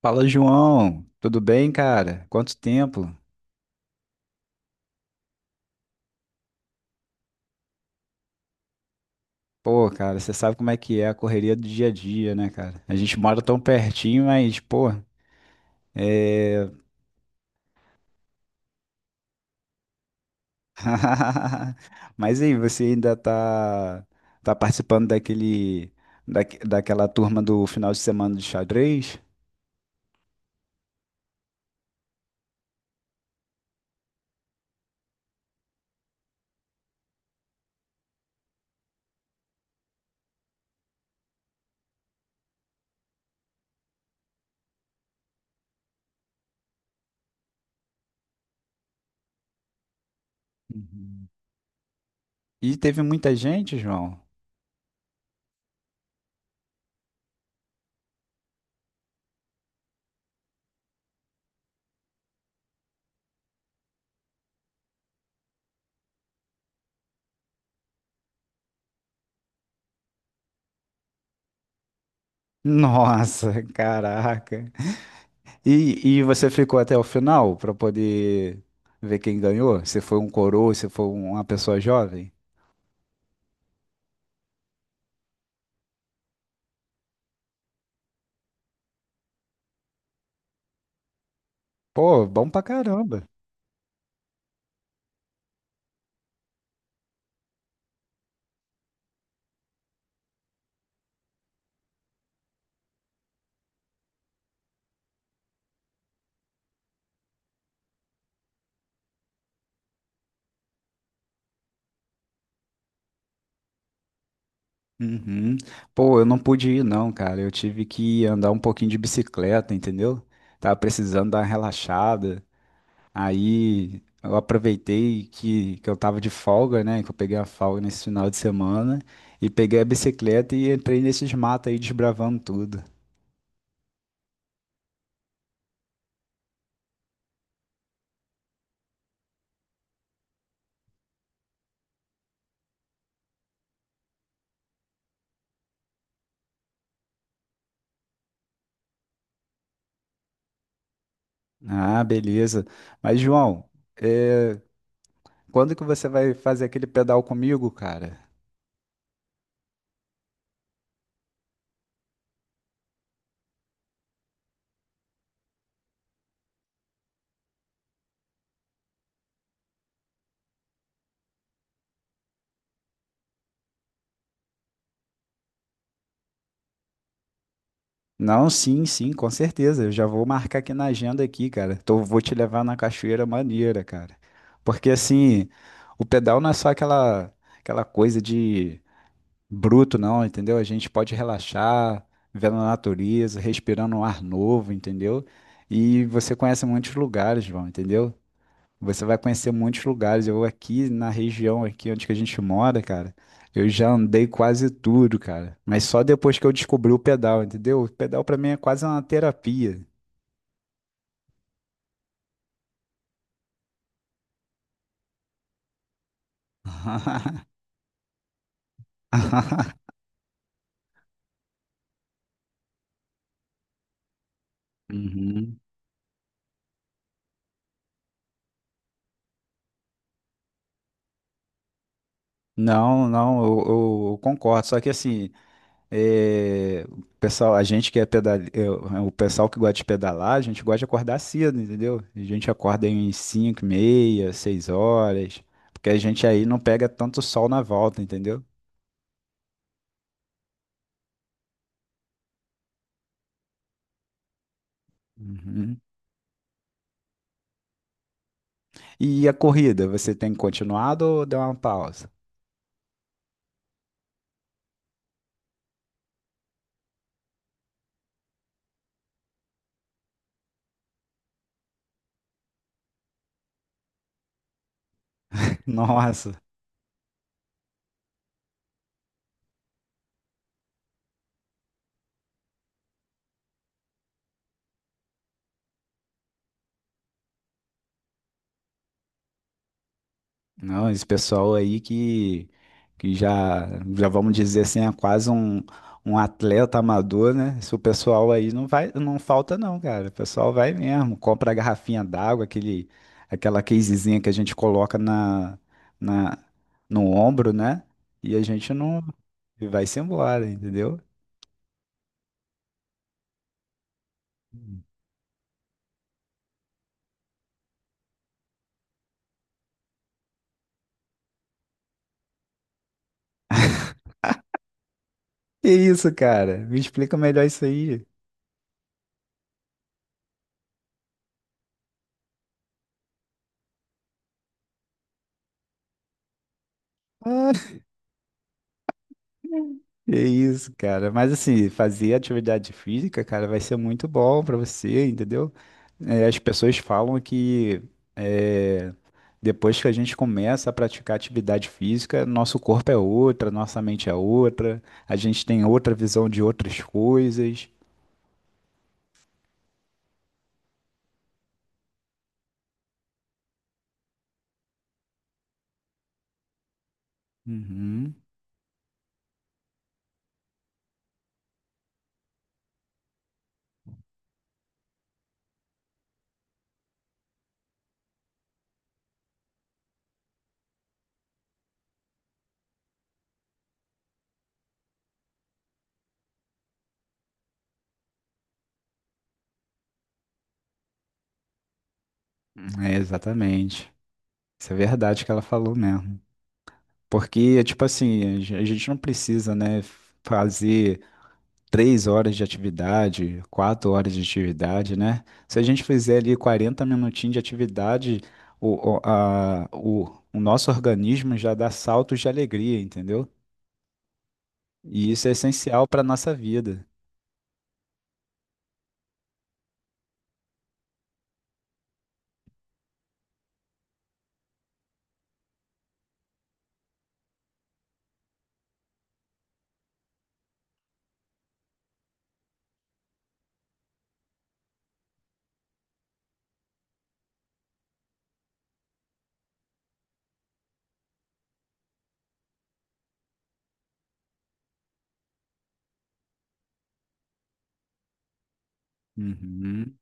Fala, João. Tudo bem, cara? Quanto tempo? Pô, cara, você sabe como é que é a correria do dia a dia, né, cara? A gente mora tão pertinho, mas, pô, é, Mas aí, você ainda tá participando daquela turma do final de semana de xadrez? Uhum. E teve muita gente, João? Nossa, caraca. E você ficou até o final para poder ver quem ganhou? Se foi um coroa, se foi uma pessoa jovem? Pô, bom pra caramba. Uhum. Pô, eu não pude ir não, cara. Eu tive que andar um pouquinho de bicicleta, entendeu? Tava precisando dar uma relaxada. Aí eu aproveitei que eu tava de folga, né? Que eu peguei a folga nesse final de semana e peguei a bicicleta e entrei nesses matos aí desbravando tudo. Ah, beleza. Mas, João, é, quando que você vai fazer aquele pedal comigo, cara? Não, sim, sim, com certeza. Eu já vou marcar aqui na agenda aqui, cara. Tô, vou te levar na cachoeira maneira, cara. Porque assim, o pedal não é só aquela coisa de bruto, não, entendeu? A gente pode relaxar, vendo a natureza, respirando um ar novo, entendeu? E você conhece muitos lugares, João, entendeu? Você vai conhecer muitos lugares. Eu aqui na região aqui onde que a gente mora, cara, eu já andei quase tudo, cara. Mas só depois que eu descobri o pedal, entendeu? O pedal pra mim é quase uma terapia. Uhum. Não, não, eu concordo. Só que assim, o pessoal, a gente que é pedal, o pessoal que gosta de pedalar, a gente gosta de acordar cedo, entendeu? A gente acorda em 5, meia, 6 horas, porque a gente aí não pega tanto sol na volta, entendeu? Uhum. E a corrida, você tem continuado ou deu uma pausa? Nossa, não, esse pessoal aí que já vamos dizer assim, é quase um atleta amador, né? Esse pessoal aí não vai, não falta não, cara. O pessoal vai mesmo, compra a garrafinha d'água, aquele, aquela casezinha que a gente coloca na, no ombro, né? E a gente não e vai-se embora, entendeu? Que isso, cara? Me explica melhor isso aí. Ah, é isso, cara. Mas assim, fazer atividade física, cara, vai ser muito bom pra você, entendeu? É, as pessoas falam que é, depois que a gente começa a praticar atividade física, nosso corpo é outra, nossa mente é outra, a gente tem outra visão de outras coisas. Uhum. É, exatamente. Isso é verdade que ela falou mesmo. Porque, tipo assim, a gente não precisa, né, fazer 3 horas de atividade, 4 horas de atividade, né? Se a gente fizer ali 40 minutinhos de atividade, o, o, a- o- o nosso organismo já dá saltos de alegria, entendeu? E isso é essencial para a nossa vida. Uhum,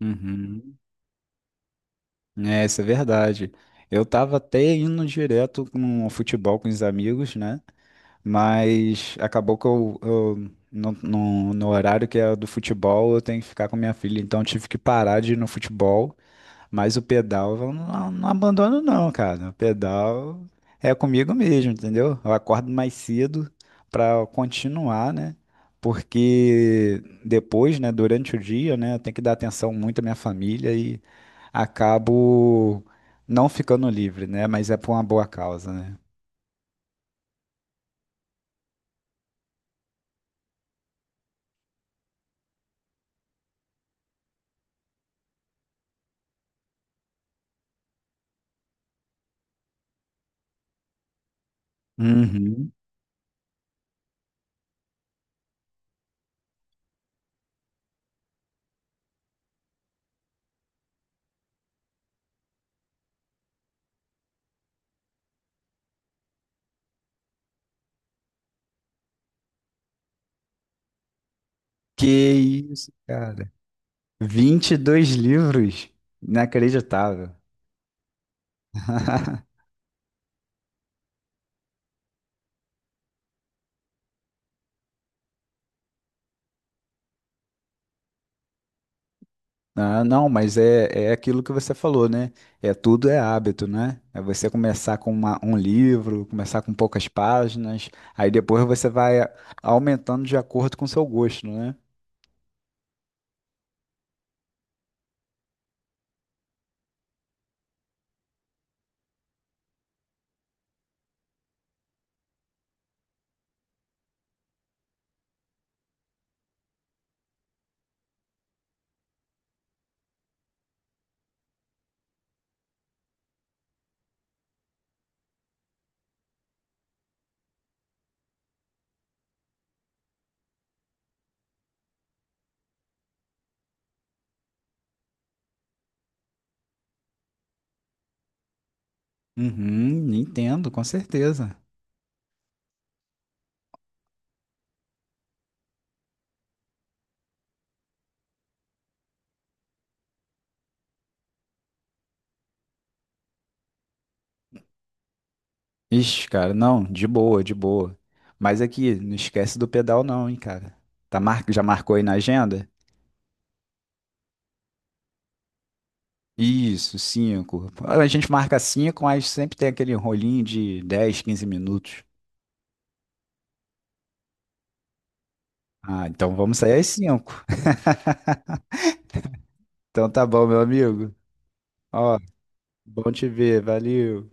uhum. É, isso é verdade. Eu tava até indo direto no futebol com os amigos, né? Mas acabou que no horário que é do futebol, eu tenho que ficar com minha filha, então eu tive que parar de ir no futebol. Mas o pedal eu não, não abandono não, cara. O pedal é comigo mesmo, entendeu? Eu acordo mais cedo para continuar, né? Porque depois, né, durante o dia, né, eu tenho que dar atenção muito à minha família e acabo não ficando livre, né? Mas é por uma boa causa, né? Uhum. Que isso, cara. 22 livros? Inacreditável. Ah, não, mas é aquilo que você falou, né? É tudo é hábito, né? É você começar com um livro, começar com poucas páginas, aí depois você vai aumentando de acordo com o seu gosto, né? Uhum, entendo, com certeza. Ixi, cara, não, de boa, de boa. Mas aqui, não esquece do pedal não, hein, cara. Tá mar... Já marcou aí na agenda? Isso, 5. A gente marca 5, mas sempre tem aquele rolinho de 10, 15 minutos. Ah, então vamos sair às 5. Então tá bom, meu amigo. Ó, bom te ver, valeu.